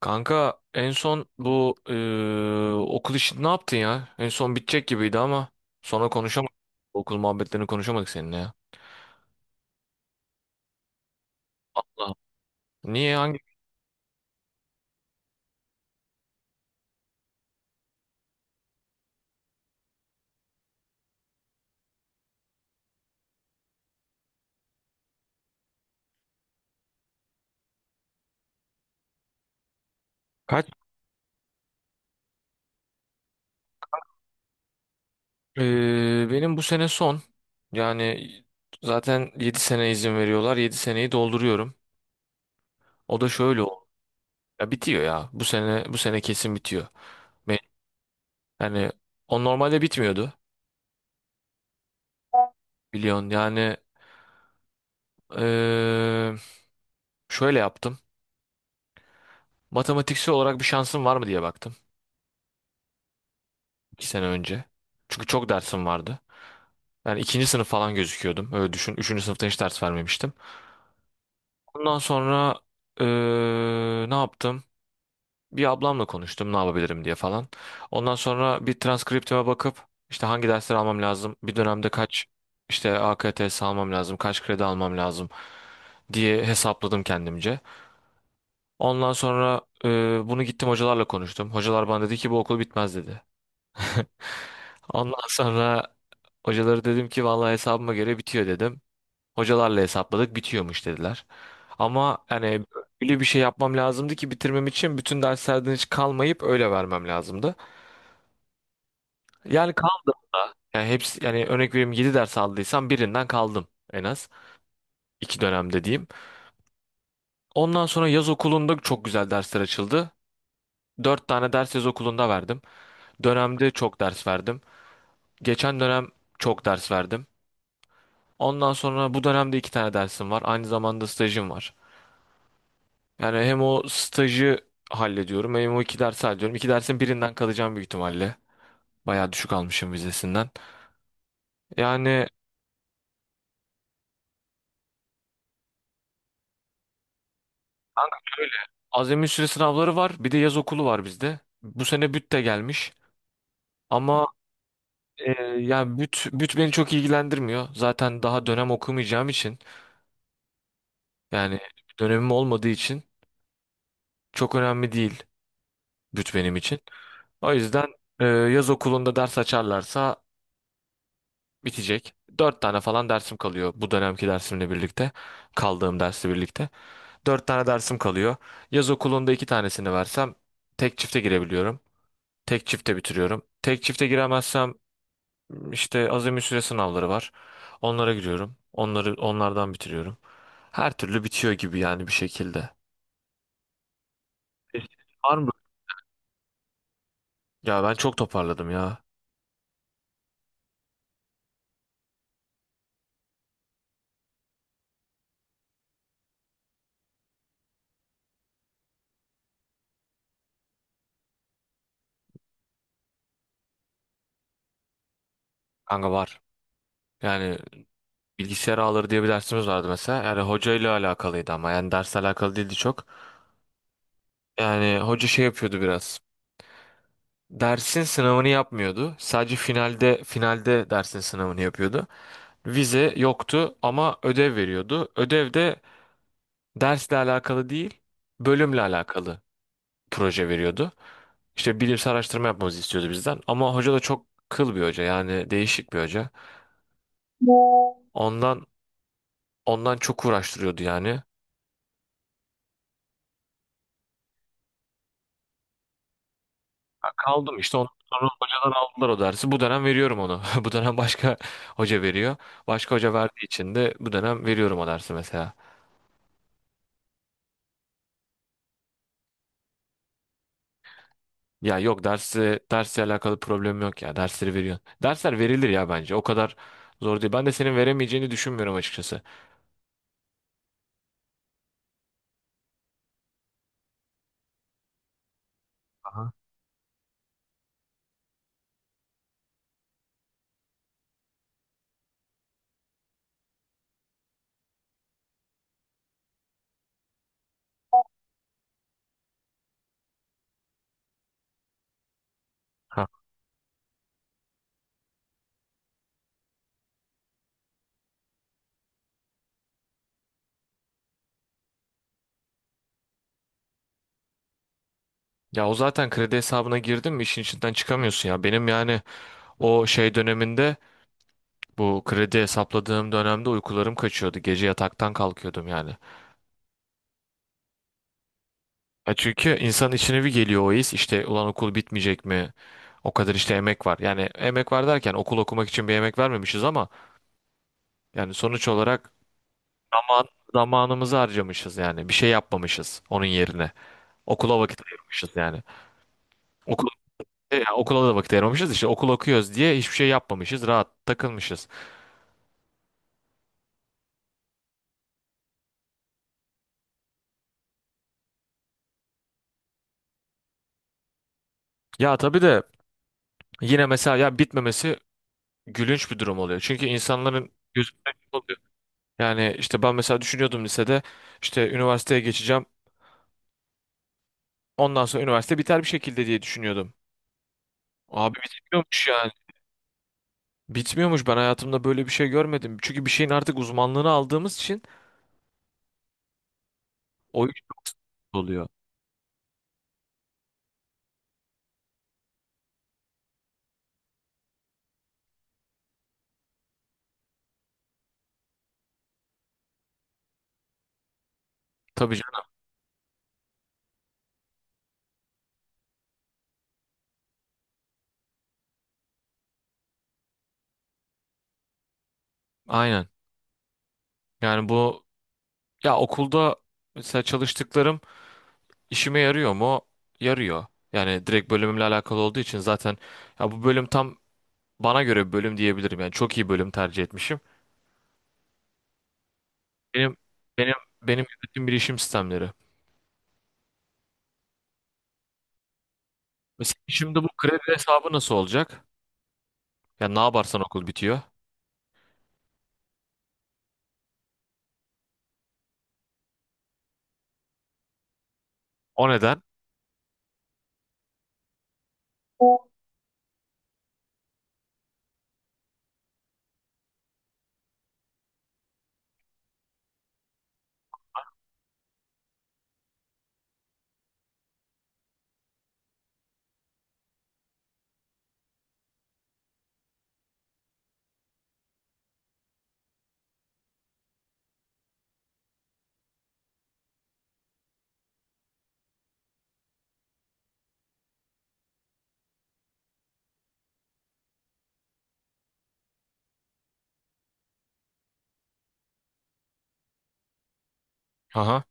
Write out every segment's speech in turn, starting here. Kanka en son bu okul işini ne yaptın ya? En son bitecek gibiydi ama sonra konuşamadık. Okul muhabbetlerini konuşamadık seninle ya. Allah. Niye hangi kaç? Benim bu sene son. Yani zaten 7 sene izin veriyorlar. 7 seneyi dolduruyorum. O da şöyle oldu. Ya bitiyor ya. Bu sene kesin bitiyor. Ben, Yani o normalde bitmiyordu. Biliyorsun yani eee, şöyle yaptım. Matematiksel olarak bir şansım var mı diye baktım. 2 sene önce. Çünkü çok dersim vardı. Yani ikinci sınıf falan gözüküyordum. Öyle düşün. Üçüncü sınıfta hiç ders vermemiştim. Ondan sonra eee, ne yaptım? Bir ablamla konuştum ne yapabilirim diye falan. Ondan sonra bir transkriptime bakıp işte hangi dersleri almam lazım, bir dönemde kaç işte AKTS almam lazım, kaç kredi almam lazım diye hesapladım kendimce. Ondan sonra bunu gittim hocalarla konuştum. Hocalar bana dedi ki bu okul bitmez dedi. Ondan sonra hocaları dedim ki vallahi hesabıma göre bitiyor dedim. Hocalarla hesapladık bitiyormuş dediler. Ama yani öyle bir şey yapmam lazımdı ki bitirmem için bütün derslerden hiç kalmayıp öyle vermem lazımdı. Yani yani hepsi yani örnek vereyim 7 ders aldıysam birinden kaldım en az. 2 dönemde diyeyim. Ondan sonra yaz okulunda çok güzel dersler açıldı. Dört tane ders yaz okulunda verdim. Dönemde çok ders verdim. Geçen dönem çok ders verdim. Ondan sonra bu dönemde iki tane dersim var. Aynı zamanda stajım var. Yani hem o stajı hallediyorum hem o iki dersi hallediyorum. İki dersin birinden kalacağım büyük ihtimalle. Bayağı düşük almışım vizesinden. Yani azami süre sınavları var. Bir de yaz okulu var bizde. Bu sene büt de gelmiş. Ama yani büt beni çok ilgilendirmiyor. Zaten daha dönem okumayacağım için yani dönemim olmadığı için çok önemli değil büt benim için. O yüzden yaz okulunda ders açarlarsa bitecek. Dört tane falan dersim kalıyor bu dönemki dersimle birlikte. Kaldığım dersle birlikte. Dört tane dersim kalıyor. Yaz okulunda iki tanesini versem tek çifte girebiliyorum. Tek çifte bitiriyorum. Tek çifte giremezsem işte azami süre sınavları var. Onlara giriyorum. Onları onlardan bitiriyorum. Her türlü bitiyor gibi yani bir şekilde. Peki, var mı? Ya ben çok toparladım ya. Kanka var. Yani bilgisayar ağları diye bir dersimiz vardı mesela. Yani hocayla alakalıydı ama yani dersle alakalı değildi çok. Yani hoca şey yapıyordu biraz. Dersin sınavını yapmıyordu. Sadece finalde dersin sınavını yapıyordu. Vize yoktu ama ödev veriyordu. Ödev de dersle alakalı değil, bölümle alakalı proje veriyordu. İşte bilimsel araştırma yapmamızı istiyordu bizden. Ama hoca da çok kıl bir hoca yani değişik bir hoca. Ondan ondan çok uğraştırıyordu yani. Kaldım işte ondan sonra hocadan aldılar o dersi. Bu dönem veriyorum onu. Bu dönem başka hoca veriyor. Başka hoca verdiği için de bu dönem veriyorum o dersi mesela. Ya yok dersi dersle alakalı problem yok ya. Dersleri veriyorsun. Dersler verilir ya bence. O kadar zor değil. Ben de senin veremeyeceğini düşünmüyorum açıkçası. Aha. Ha. Ya o zaten kredi hesabına girdin mi işin içinden çıkamıyorsun ya. Benim yani o şey döneminde bu kredi hesapladığım dönemde uykularım kaçıyordu. Gece yataktan kalkıyordum yani. Ya çünkü insanın içine bir geliyor o his. İşte ulan okul bitmeyecek mi? O kadar işte emek var. Yani emek var derken okul okumak için bir emek vermemişiz ama yani sonuç olarak zaman, zamanımızı harcamışız yani. Bir şey yapmamışız onun yerine. Okula vakit ayırmışız yani. Okul, Yani okula da vakit ayırmamışız. İşte okul okuyoruz diye hiçbir şey yapmamışız. Rahat takılmışız. Ya tabii de yine mesela ya bitmemesi gülünç bir durum oluyor. Çünkü insanların gözünden oluyor. Yani işte ben mesela düşünüyordum lisede işte üniversiteye geçeceğim. Ondan sonra üniversite biter bir şekilde diye düşünüyordum. Abi bitmiyormuş yani. Bitmiyormuş. Ben hayatımda böyle bir şey görmedim. Çünkü bir şeyin artık uzmanlığını aldığımız için o iş oluyor. Tabii canım. Aynen. Yani bu ya okulda mesela çalıştıklarım işime yarıyor mu? Yarıyor. Yani direkt bölümümle alakalı olduğu için zaten ya bu bölüm tam bana göre bir bölüm diyebilirim. Yani çok iyi bölüm tercih etmişim. Benim benim benim yönetim bilişim sistemleri. Mesela şimdi bu kredi hesabı nasıl olacak? Ya ne yaparsan okul bitiyor. O neden? Aha,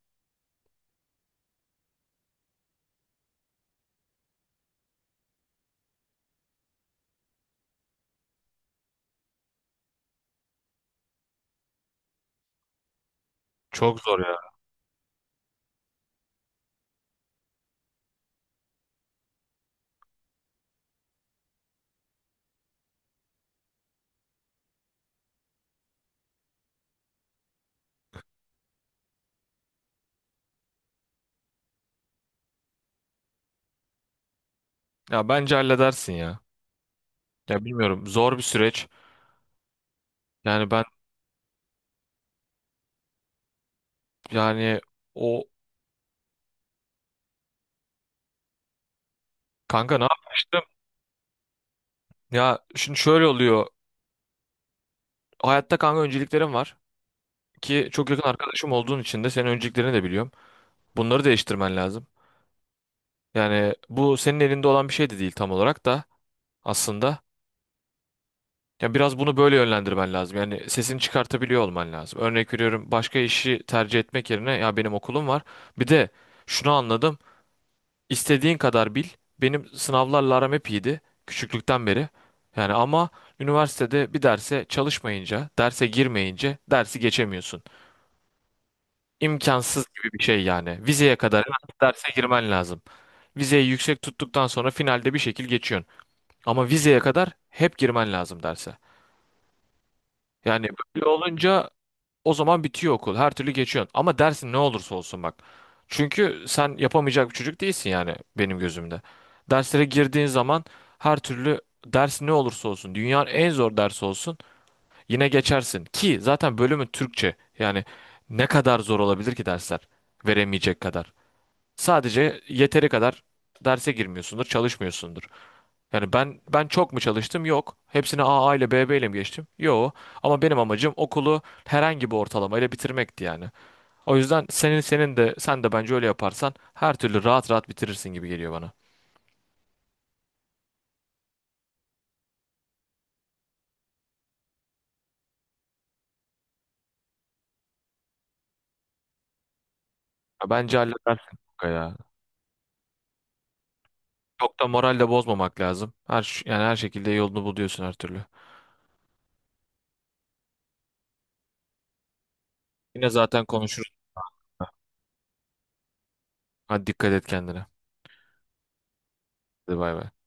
çok zor ya. Ya bence halledersin ya. Ya bilmiyorum zor bir süreç. Yani yani o kanka ne yapmıştım? Ya şimdi şöyle oluyor. Hayatta kanka önceliklerim var ki çok yakın arkadaşım olduğun için de senin önceliklerini de biliyorum. Bunları değiştirmen lazım. Yani bu senin elinde olan bir şey de değil tam olarak da aslında. Ya biraz bunu böyle yönlendirmen lazım. Yani sesini çıkartabiliyor olman lazım. Örnek veriyorum başka işi tercih etmek yerine ya benim okulum var. Bir de şunu anladım. İstediğin kadar bil. Benim sınavlarla aram hep iyiydi. Küçüklükten beri. Yani ama üniversitede bir derse çalışmayınca, derse girmeyince dersi geçemiyorsun. İmkansız gibi bir şey yani. Vizeye kadar hemen derse girmen lazım. Vizeyi yüksek tuttuktan sonra finalde bir şekil geçiyorsun. Ama vizeye kadar hep girmen lazım derse. Yani böyle olunca o zaman bitiyor okul. Her türlü geçiyorsun. Ama dersin ne olursa olsun bak. Çünkü sen yapamayacak bir çocuk değilsin yani benim gözümde. Derslere girdiğin zaman her türlü ders ne olursa olsun, dünyanın en zor dersi olsun yine geçersin. Ki zaten bölümün Türkçe. Yani ne kadar zor olabilir ki dersler? Veremeyecek kadar. Sadece yeteri kadar derse girmiyorsundur, çalışmıyorsundur. Yani ben çok mu çalıştım? Yok. Hepsini A A ile B B ile mi geçtim? Yok. Ama benim amacım okulu herhangi bir ortalamayla bitirmekti yani. O yüzden senin de sen de bence öyle yaparsan her türlü rahat rahat bitirirsin gibi geliyor bana. Ya bence halledersin kanka ya. Çok da moral de bozmamak lazım. Yani her şekilde yolunu buluyorsun her türlü. Yine zaten konuşuruz. Hadi dikkat et kendine. Hadi bay bay.